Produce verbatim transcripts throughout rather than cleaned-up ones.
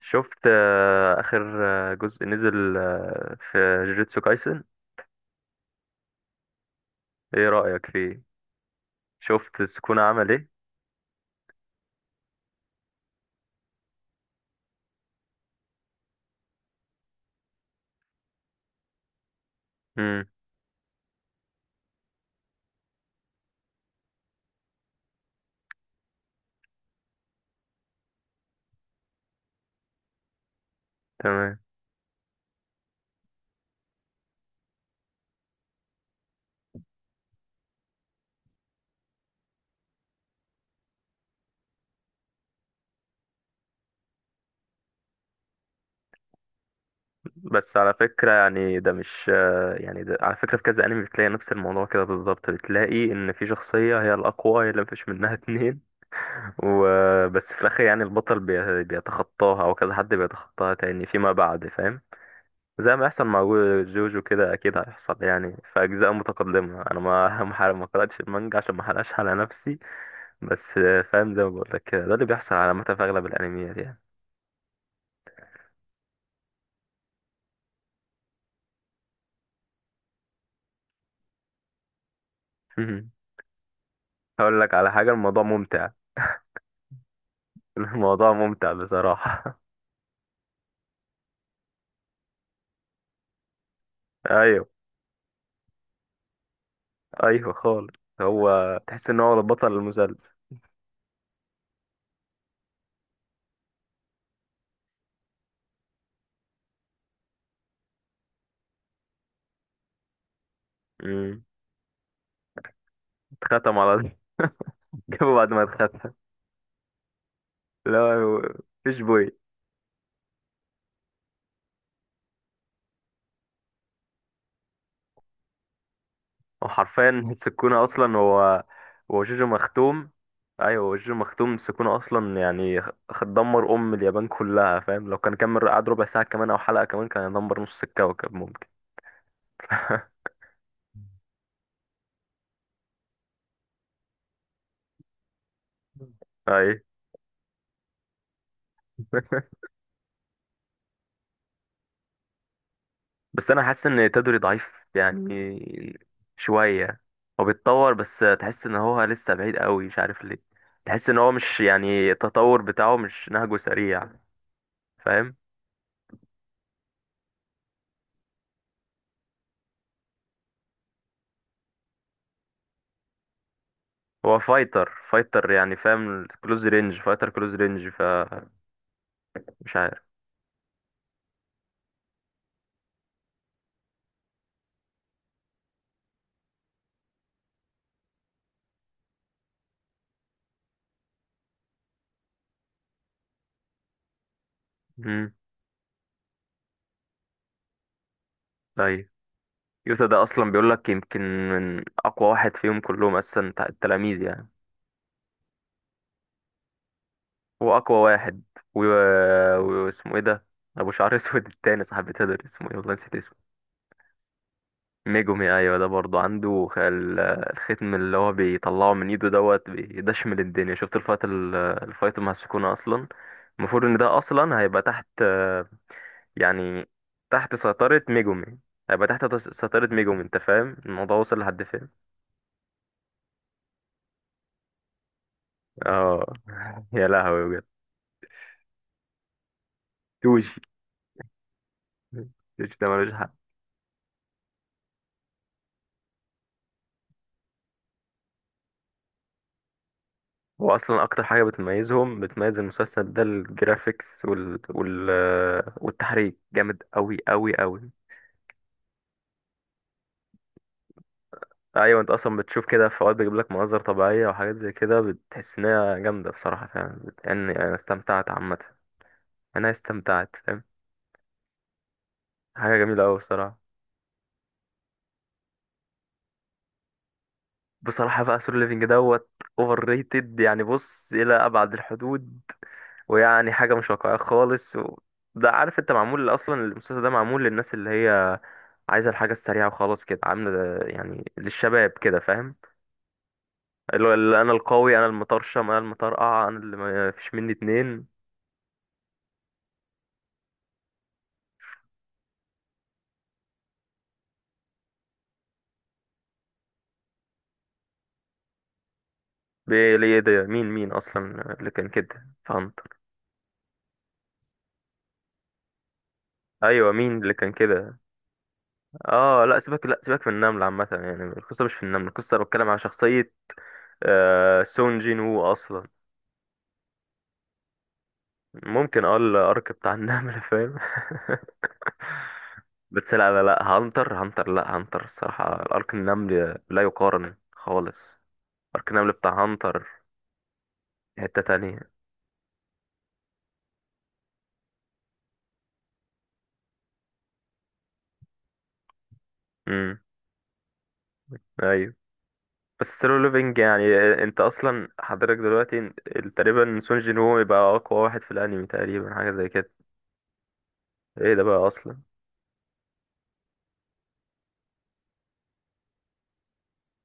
شفت آه، آخر آه، جزء نزل آه، في جوجيتسو كايسن. ايه رأيك فيه؟ شفت سكونة عمل ايه؟ امم تمام. بس على فكرة يعني ده مش آه، يعني ده على فكرة في كذا انمي بتلاقي نفس الموضوع كده بالظبط، بتلاقي ان في شخصية هي الأقوى، هي اللي مفيش منها اتنين. وبس في الآخر يعني البطل بي- بيتخطاها او كذا حد بيتخطاها تاني فيما بعد، فاهم؟ زي ما يحصل مع جو- جوجو كده اكيد هيحصل يعني في اجزاء متقدمه. انا ما ما حر- ما قراتش المانجا عشان ما احرقش على نفسي. بس آه، فاهم؟ زي ما بقول لك كده، ده اللي بيحصل عامه في اغلب الانميات يعني. هقول لك على حاجه، الموضوع ممتع. الموضوع ممتع بصراحه. ايوه، ايوه خالص. هو تحس ان هو بطل المسلسل. مم. اتختم على طول. جابه بعد ما اتختم. لا، مفيش بوي. وحرفيا السكونة أصلا هو هو جوجو مختوم. أيوة، هو جوجو مختوم، السكونة أصلا يعني خ- دمر أم اليابان كلها، فاهم؟ لو كان كمل قعد ربع ساعة كمان أو حلقة كمان كان يدمر نص الكوكب ممكن. أي. بس أنا حاسس إن تدري ضعيف يعني شوية. هو بيتطور بس تحس إن هو لسه بعيد قوي، مش عارف ليه. تحس إن هو مش، يعني التطور بتاعه مش نهجه سريع، فاهم؟ هو فايتر فايتر يعني، فاهم؟ كلوز رينج فايتر، كلوز رينج. مش عارف. امم طيب. يوتا ده اصلا بيقول لك يمكن من اقوى واحد فيهم كلهم اصلا بتاع التلاميذ يعني. هو اقوى واحد و... واسمه ايه ده؟ ابو شعر اسود التاني، صاحب تدر، اسمه ايه والله، نسيت اسمه. ميجومي، ايوه ده برضه عنده خ- ال- الختم اللي هو بيطلعه من ايده دوت بيدشمل الدنيا. شفت الفايت ال- الفايت مع السكونة اصلا؟ المفروض ان ده اصلا هيبقى تحت، آه، يعني تحت سيطرة ميجومي. هيبقى تحت سيطرة ميجومي، انت فاهم الموضوع وصل لحد فين؟ اه. يا لهوي بجد. توشي. توشي ده ملوش حق. هو اصلا اكتر حاجه بتميزهم، بتميز المسلسل ده الجرافيكس وال... وال... والتحريك، جامد قوي قوي قوي. ايوه، انت اصلا بتشوف كده في اوقات بيجيب لك مناظر طبيعيه وحاجات زي كده، بتحس ان هي جامده بصراحه فعلا بت- يعني انا استمتعت عامه. انا استمتعت، فاهم؟ حاجه جميله قوي بصراحه. بصراحة بقى سولو ليفينج دوت اوفر ريتد يعني، بص، إلى أبعد الحدود. ويعني حاجة مش واقعية خالص و... ده عارف انت، معمول أصلا المسلسل ده معمول للناس اللي هي عايزة الحاجة السريعة وخلاص كده، عاملة ده- يعني للشباب كده، فاهم؟ اللي هو اللي أنا القوي، أنا المطرشم، أنا المطرقع، أنا اللي ما فيش مني اتنين. بي- ليه ده؟ مين مين أصلا اللي كان كده، فهمت؟ أيوة مين اللي كان كده؟ اه لا، سيبك لا سيبك من النمل عامة يعني، القصة مش في النمل، القصة أنا بتكلم على شخصية. آه سون جين وو اصلا. ممكن، اه الارك بتاع النمل، فاهم؟ بس لا لا لا، هانتر هانتر، لا هانتر الصراحة الارك النمل لا يقارن خالص. ارك النمل بتاع هانتر حتة تانية. امم ايوه. بس سولو ليفينج يعني، انت اصلا حضرتك دلوقتي ال- تقريبا سون جين وو يبقى اقوى واحد في الانمي تقريبا، حاجة زي كده. ايه ده بقى اصلا؟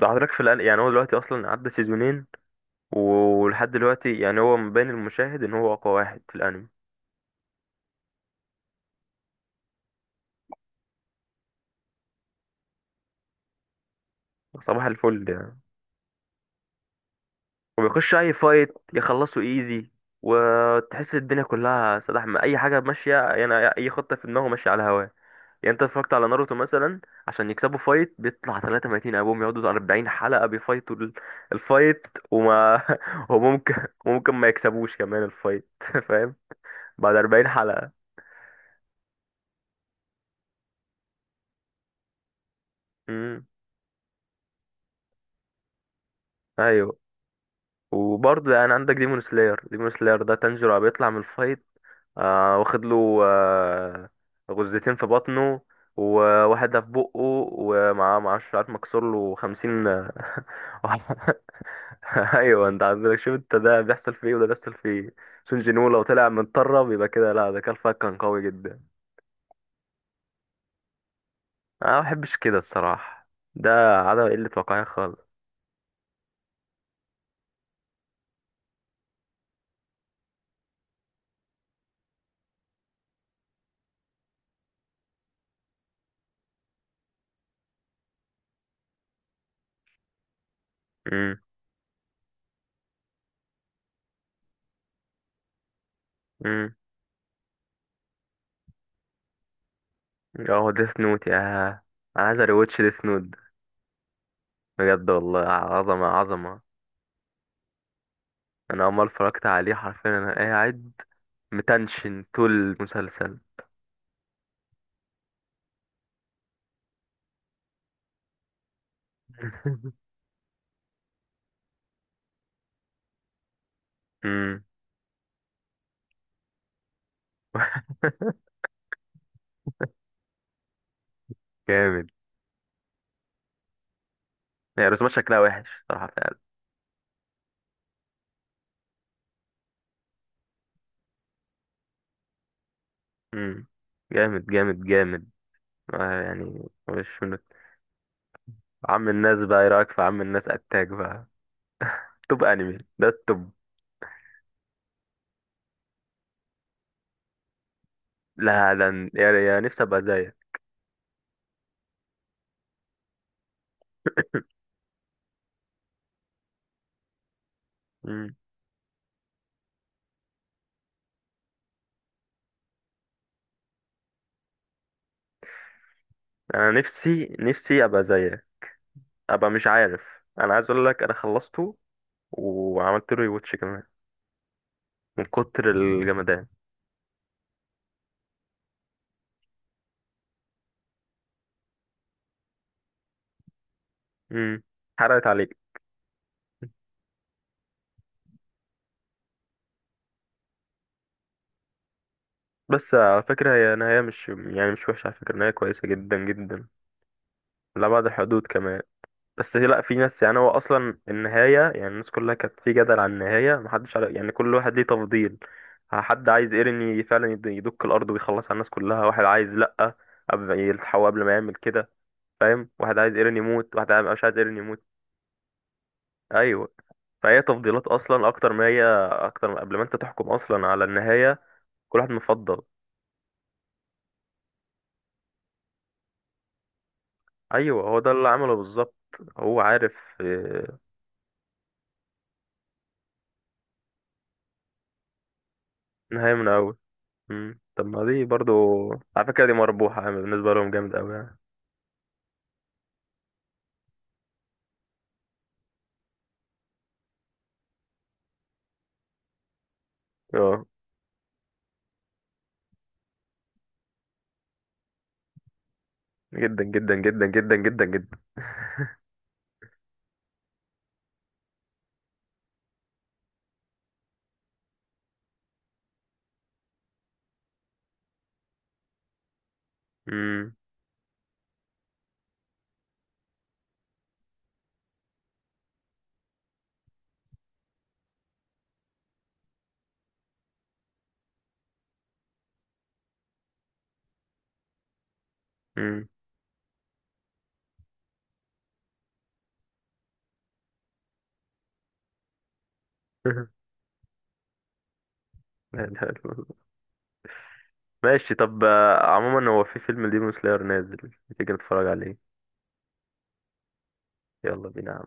ده حضرتك في الان يعني هو دلوقتي اصلا عدى سيزونين، ولحد دلوقتي يعني هو مبين المشاهد ان هو اقوى واحد في الانمي. صباح الفل يعني، وبيخش اي فايت يخلصوا ايزي. وتحس الدنيا كلها سلاح، ما اي حاجه ماشيه يعني، اي خطه في دماغه ماشيه على هواه. يعني انت اتفرجت على ناروتو مثلا؟ عشان يكسبوا فايت بيطلع ثلاثة وثلاثين ابوهم، يقعدوا اربعين حلقه بيفايتوا ال- الفايت. وما وممكن ممكن ما يكسبوش كمان الفايت. فاهم؟ بعد اربعين حلقه. امم ايوه. وبرضه يعني عندك ديمون سلاير، ديمون سلاير ده تانجيرو بيطلع من الفايت، آه واخد له آه غزتين في بطنه وواحدة في بقه. ومعاه معاه شعر مكسور له خمسين. ايوه انت عندك، شوف انت، ده بيحصل فيه وده بيحصل فيه. سون جينو لو طلع متطرب يبقى كده، لا ده كان فاك كان قوي جدا. انا ما بحبش كده الصراحة. ده عدم قلة واقعية خالص. امم امم اه، ديث نوت يا. انا عايز اريوتش ديث نوت. بجد والله، عظمة عظمة. أنا أول ما اتفرجت عليه حرفيا أنا قاعد متنشن طول المسلسل. أمم، جامد. يعني رسومات شكلها وحش صراحة فعلا. أمم، جامد جامد جامد. آه يعني مش من عم الناس بقى، إيه رأيك في عم الناس، أتاك بقى؟ توب أنمي ده التوب. لا ده أنا- يعني يعني نفسي أبقى زيك. أمم، أنا نفسي نفسي أبقى زيك، أبقى مش عارف. أنا عايز أقول لك أنا خلصته، وعملت له ريواتش كمان من كتر الجمدان. امم حرقت عليك. بس على فكرة هي نهاية مش، يعني مش وحشة، على فكرة نهاية كويسة جدا جدا. لا بعد الحدود كمان. بس هي- لا، في ناس يعني، هو أصلا النهاية يعني الناس كلها كانت في جدل عن النهاية، محدش عارف يعني، كل واحد ليه تفضيل. حد عايز ايرين ي- فعلا يد- يدك الأرض ويخلص على الناس كلها، واحد عايز لأ، قبل يلحقه قبل ما يعمل كده، فاهم؟ واحد عايز ايرين يموت، واحد عايز- مش عايز ايرين يموت. أيوه. فهي تفضيلات أصلا أكتر ما هي أكتر، قبل ما أنت تحكم أصلا على النهاية. كل واحد مفضل. ايوه، هو ده اللي عمله بالظبط. هو عارف. آه، نهاية من الاول. مم. طب ما دي برضو على فكرة دي مربوحة يعني، بالنسبة لهم جامد أوي يعني. اه، جدا جدا جدا جدا جدا جدا. مم. مم. لا إله إلا الله. ماشي، طب آه، عموما هو في فيلم ديمون سلاير نازل، تيجي نتفرج عليه؟ يلا بينا.